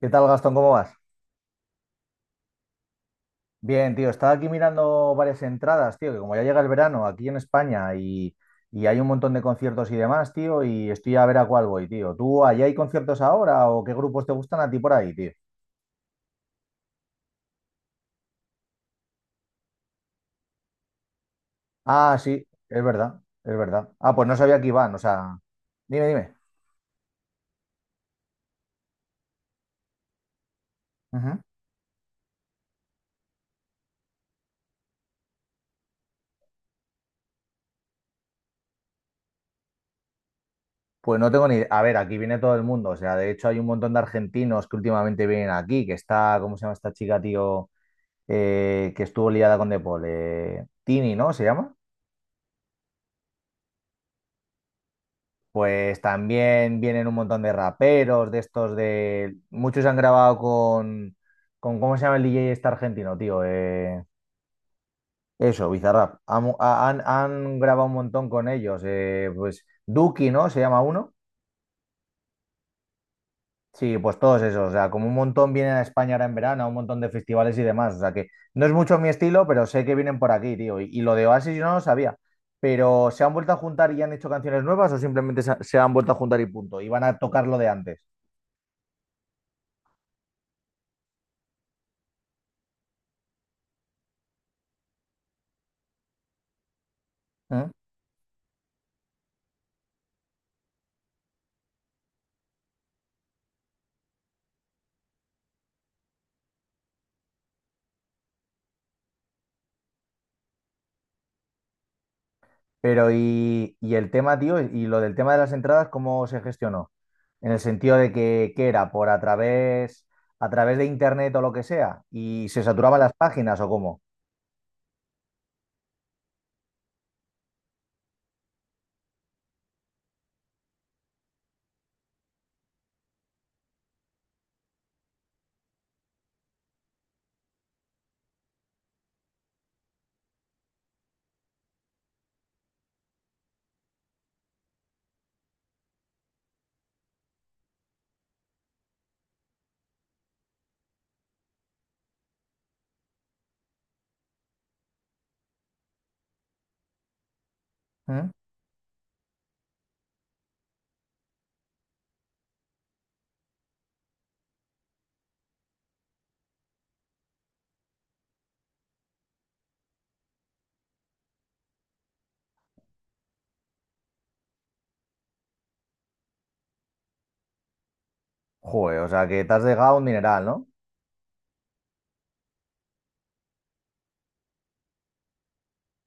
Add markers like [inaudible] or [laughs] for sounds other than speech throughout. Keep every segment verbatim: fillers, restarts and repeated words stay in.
¿Qué tal, Gastón? ¿Cómo vas? Bien, tío, estaba aquí mirando varias entradas, tío, que como ya llega el verano aquí en España y, y hay un montón de conciertos y demás, tío, y estoy a ver a cuál voy, tío. ¿Tú allá hay conciertos ahora o qué grupos te gustan a ti por ahí, tío? Ah, sí, es verdad, es verdad. Ah, pues no sabía que iban, o sea, dime, dime. Ujú. Pues no tengo ni idea. A ver, aquí viene todo el mundo, o sea, de hecho hay un montón de argentinos que últimamente vienen aquí, que está, ¿cómo se llama esta chica, tío? Eh, que estuvo liada con De Paul, eh, Tini, ¿no? ¿Se llama? Pues también vienen un montón de raperos, de estos de... Muchos han grabado con... con ¿cómo se llama el D J este argentino, tío? Eh, Eso, Bizarrap. Han, han- han grabado un montón con ellos. Eh, pues Duki, ¿no? Se llama uno. Sí, pues todos esos. O sea, como un montón vienen a España ahora en verano, a un montón de festivales y demás. O sea, que no es mucho mi estilo, pero sé que vienen por aquí, tío. Y, y lo de Oasis yo no lo sabía. Pero ¿se han vuelto a juntar y han hecho canciones nuevas o simplemente se, se han vuelto a juntar y punto? Y van a tocar lo de antes. ¿Mm? Pero y, y el tema, tío, y lo del tema de las entradas, ¿cómo se gestionó? En el sentido de que, ¿qué era? ¿Por a través, a través de internet o lo que sea? ¿Y se saturaban las páginas o cómo? ¿Mm? Joder, o sea que te has dejado un mineral, ¿no?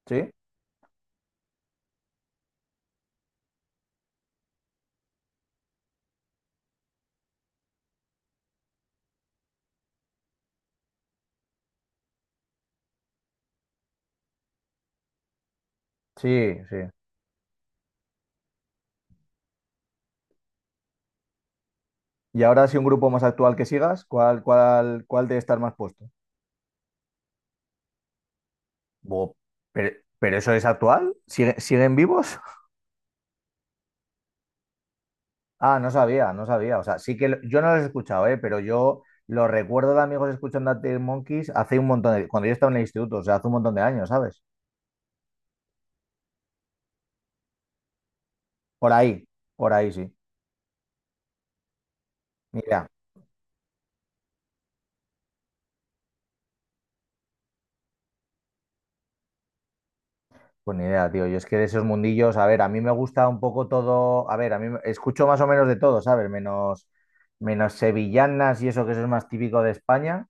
Sí, sí, sí. Y ahora si un grupo más actual que sigas, ¿cuál, cuál, cuál debe estar más puesto? Buah, pero, pero eso es actual? ¿Sigue- siguen vivos? Ah, no sabía, no sabía. O sea, sí que lo- yo no los he escuchado, ¿eh? Pero yo lo recuerdo de amigos escuchando a Teen Monkeys hace un montón de... Cuando yo estaba en el instituto, o sea, hace un montón de años, ¿sabes? Por ahí, por ahí sí. Ni idea. Pues ni idea, tío. Yo es que de esos mundillos, a ver, a mí me gusta un poco todo. A ver, a mí me- escucho más o menos de todo, ¿sabes? Menos, menos sevillanas y eso que eso es más típico de España.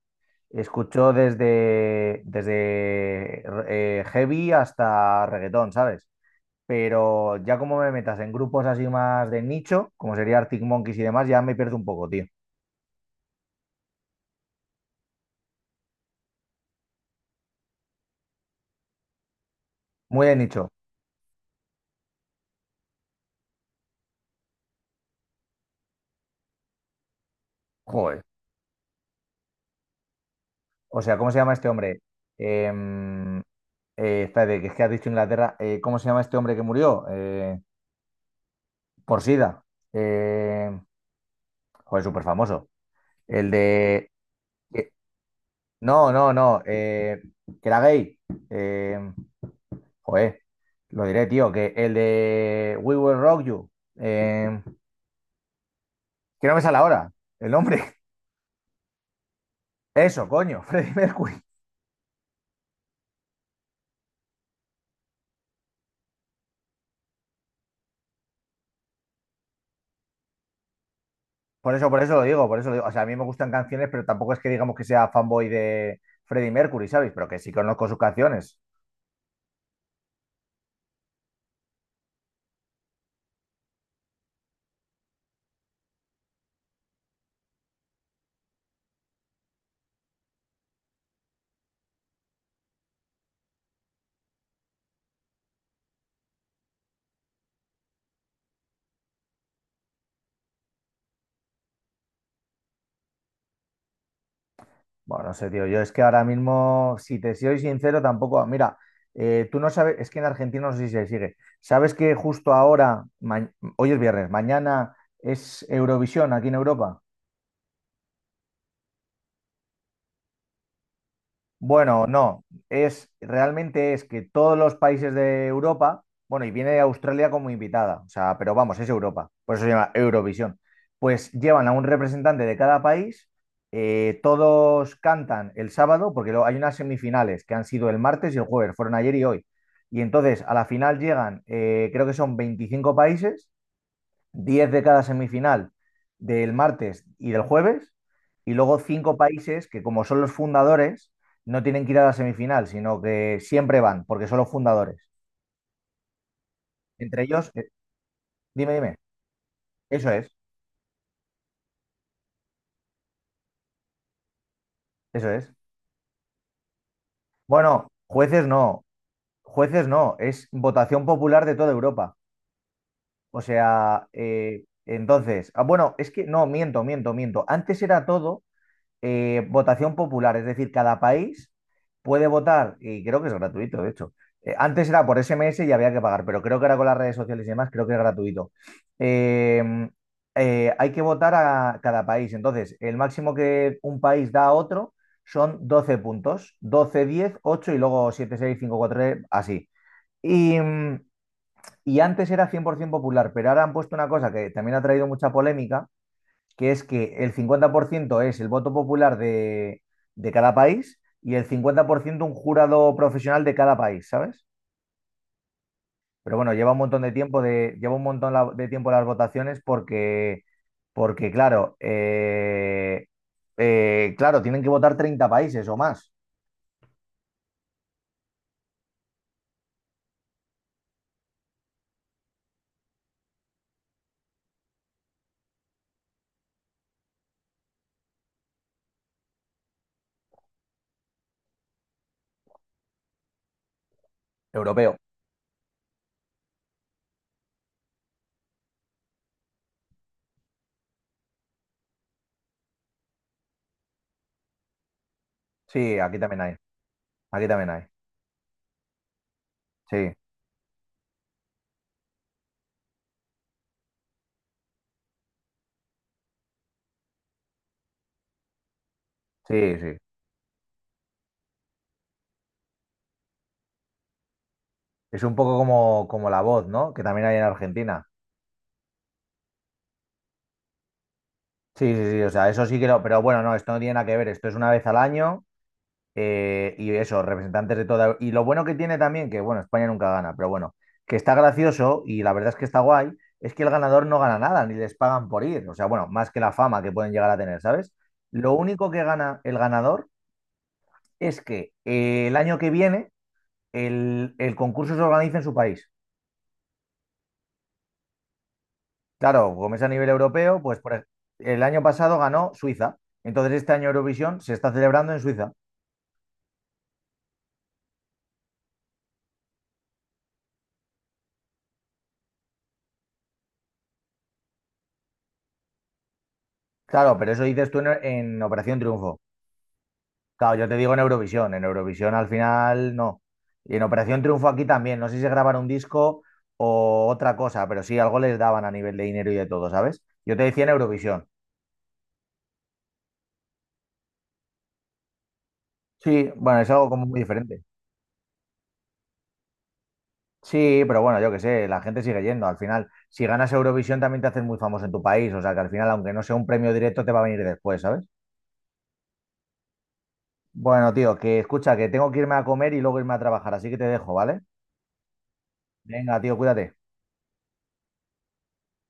Escucho desde, desde eh, heavy hasta reggaetón, ¿sabes? Pero ya como me metas en grupos así más de nicho, como sería Arctic Monkeys y demás, ya me pierdo un poco, tío. Muy de nicho. Joder. O sea, ¿cómo se llama este hombre? Em, eh, Espérate, que es que has dicho Inglaterra. Eh, ¿cómo se llama este hombre que murió? Eh, por SIDA. Eh, Joder, súper famoso. El de... eh, no, no, no. Eh, que era gay. Em, Joder, lo diré, tío. Que el de We Will Rock You. Em, que no me sale ahora el nombre. Eso, coño, [laughs] Freddie Mercury. Por eso, por eso lo digo, por eso lo digo. O sea, a mí me gustan canciones, pero tampoco es que digamos que sea fanboy de Freddie Mercury, ¿sabes? Pero que sí conozco sus canciones. Bueno, no sé, tío. Yo es que ahora mismo, si te soy sincero, tampoco. Mira, eh, tú no sabes, es que en Argentina no sé si se sigue. ¿Sabes que justo ahora, ma- hoy es viernes, mañana es Eurovisión aquí en Europa? Bueno, no, es realmente es que todos los países de Europa, bueno, y viene Australia como invitada, o sea, pero vamos, es Europa, por eso se llama Eurovisión. Pues llevan a un representante de cada país, eh, todos cantan el sábado, porque luego hay unas semifinales que han sido el martes y el jueves, fueron ayer y hoy. Y entonces a la final llegan, eh, creo que son veinticinco países, diez de cada semifinal, del martes y del jueves, y luego cinco países que, como son los fundadores, no tienen que ir a la semifinal, sino que siempre van, porque son los fundadores. Entre ellos, eh, dime, dime, eso es, eso es. Bueno, jueces no, jueces no, es votación popular de toda Europa. O sea, eh, entonces, ah, bueno, es que no, miento, miento, miento. Antes era todo, eh, votación popular, es decir, cada país puede votar, y creo que es gratuito, de hecho. Eh, antes era por S M S y había que pagar, pero creo que ahora con las redes sociales y demás, creo que es gratuito. Eh, eh, Hay que votar a cada país. Entonces, el máximo que un país da a otro son doce puntos, doce, diez, ocho, y luego siete, seis, cinco, cuatro, tres, así. Y, mm, y antes era cien por ciento popular, pero ahora han puesto una cosa que también ha traído mucha polémica, que es que el cincuenta por ciento es el voto popular de, de cada país y el cincuenta por ciento un jurado profesional de cada país, ¿sabes? Pero bueno, lleva un montón de tiempo de, lleva un montón la- de tiempo las votaciones, porque, porque, claro, eh, eh, claro, tienen que votar treinta países o más. Europeo. Sí, aquí también hay. Aquí también hay. Sí, sí, sí. Es un poco como, como La Voz, ¿no? Que también hay en Argentina. Sí, sí, sí. O sea, eso sí que lo. Pero bueno, no, esto no tiene nada que ver. Esto es una vez al año. Eh, y eso, representantes de toda... Y lo bueno que tiene también, que bueno, España nunca gana, pero bueno, que está gracioso y la verdad es que está guay, es que el ganador no gana nada, ni les pagan por ir. O sea, bueno, más que la fama que pueden llegar a tener, ¿sabes? Lo único que gana el ganador es que, eh, el año que viene el, el concurso se organiza en su país. Claro, como es a nivel europeo, pues por ej- el año pasado ganó Suiza. Entonces este año Eurovisión se está celebrando en Suiza. Claro, pero eso dices tú en en Operación Triunfo. Claro, yo te digo en Eurovisión. En Eurovisión al final no. Y en Operación Triunfo aquí también. No sé si se graban un disco o otra cosa, pero sí algo les daban a nivel de dinero y de todo, ¿sabes? Yo te decía en Eurovisión. Sí, bueno, es algo como muy diferente. Sí, pero bueno, yo qué sé, la gente sigue yendo. Al final, si ganas Eurovisión también te haces muy famoso en tu país. O sea que al final, aunque no sea un premio directo, te va a venir después, ¿sabes? Bueno, tío, que escucha, que tengo que irme a comer y luego irme a trabajar, así que te dejo, ¿vale? Venga, tío, cuídate.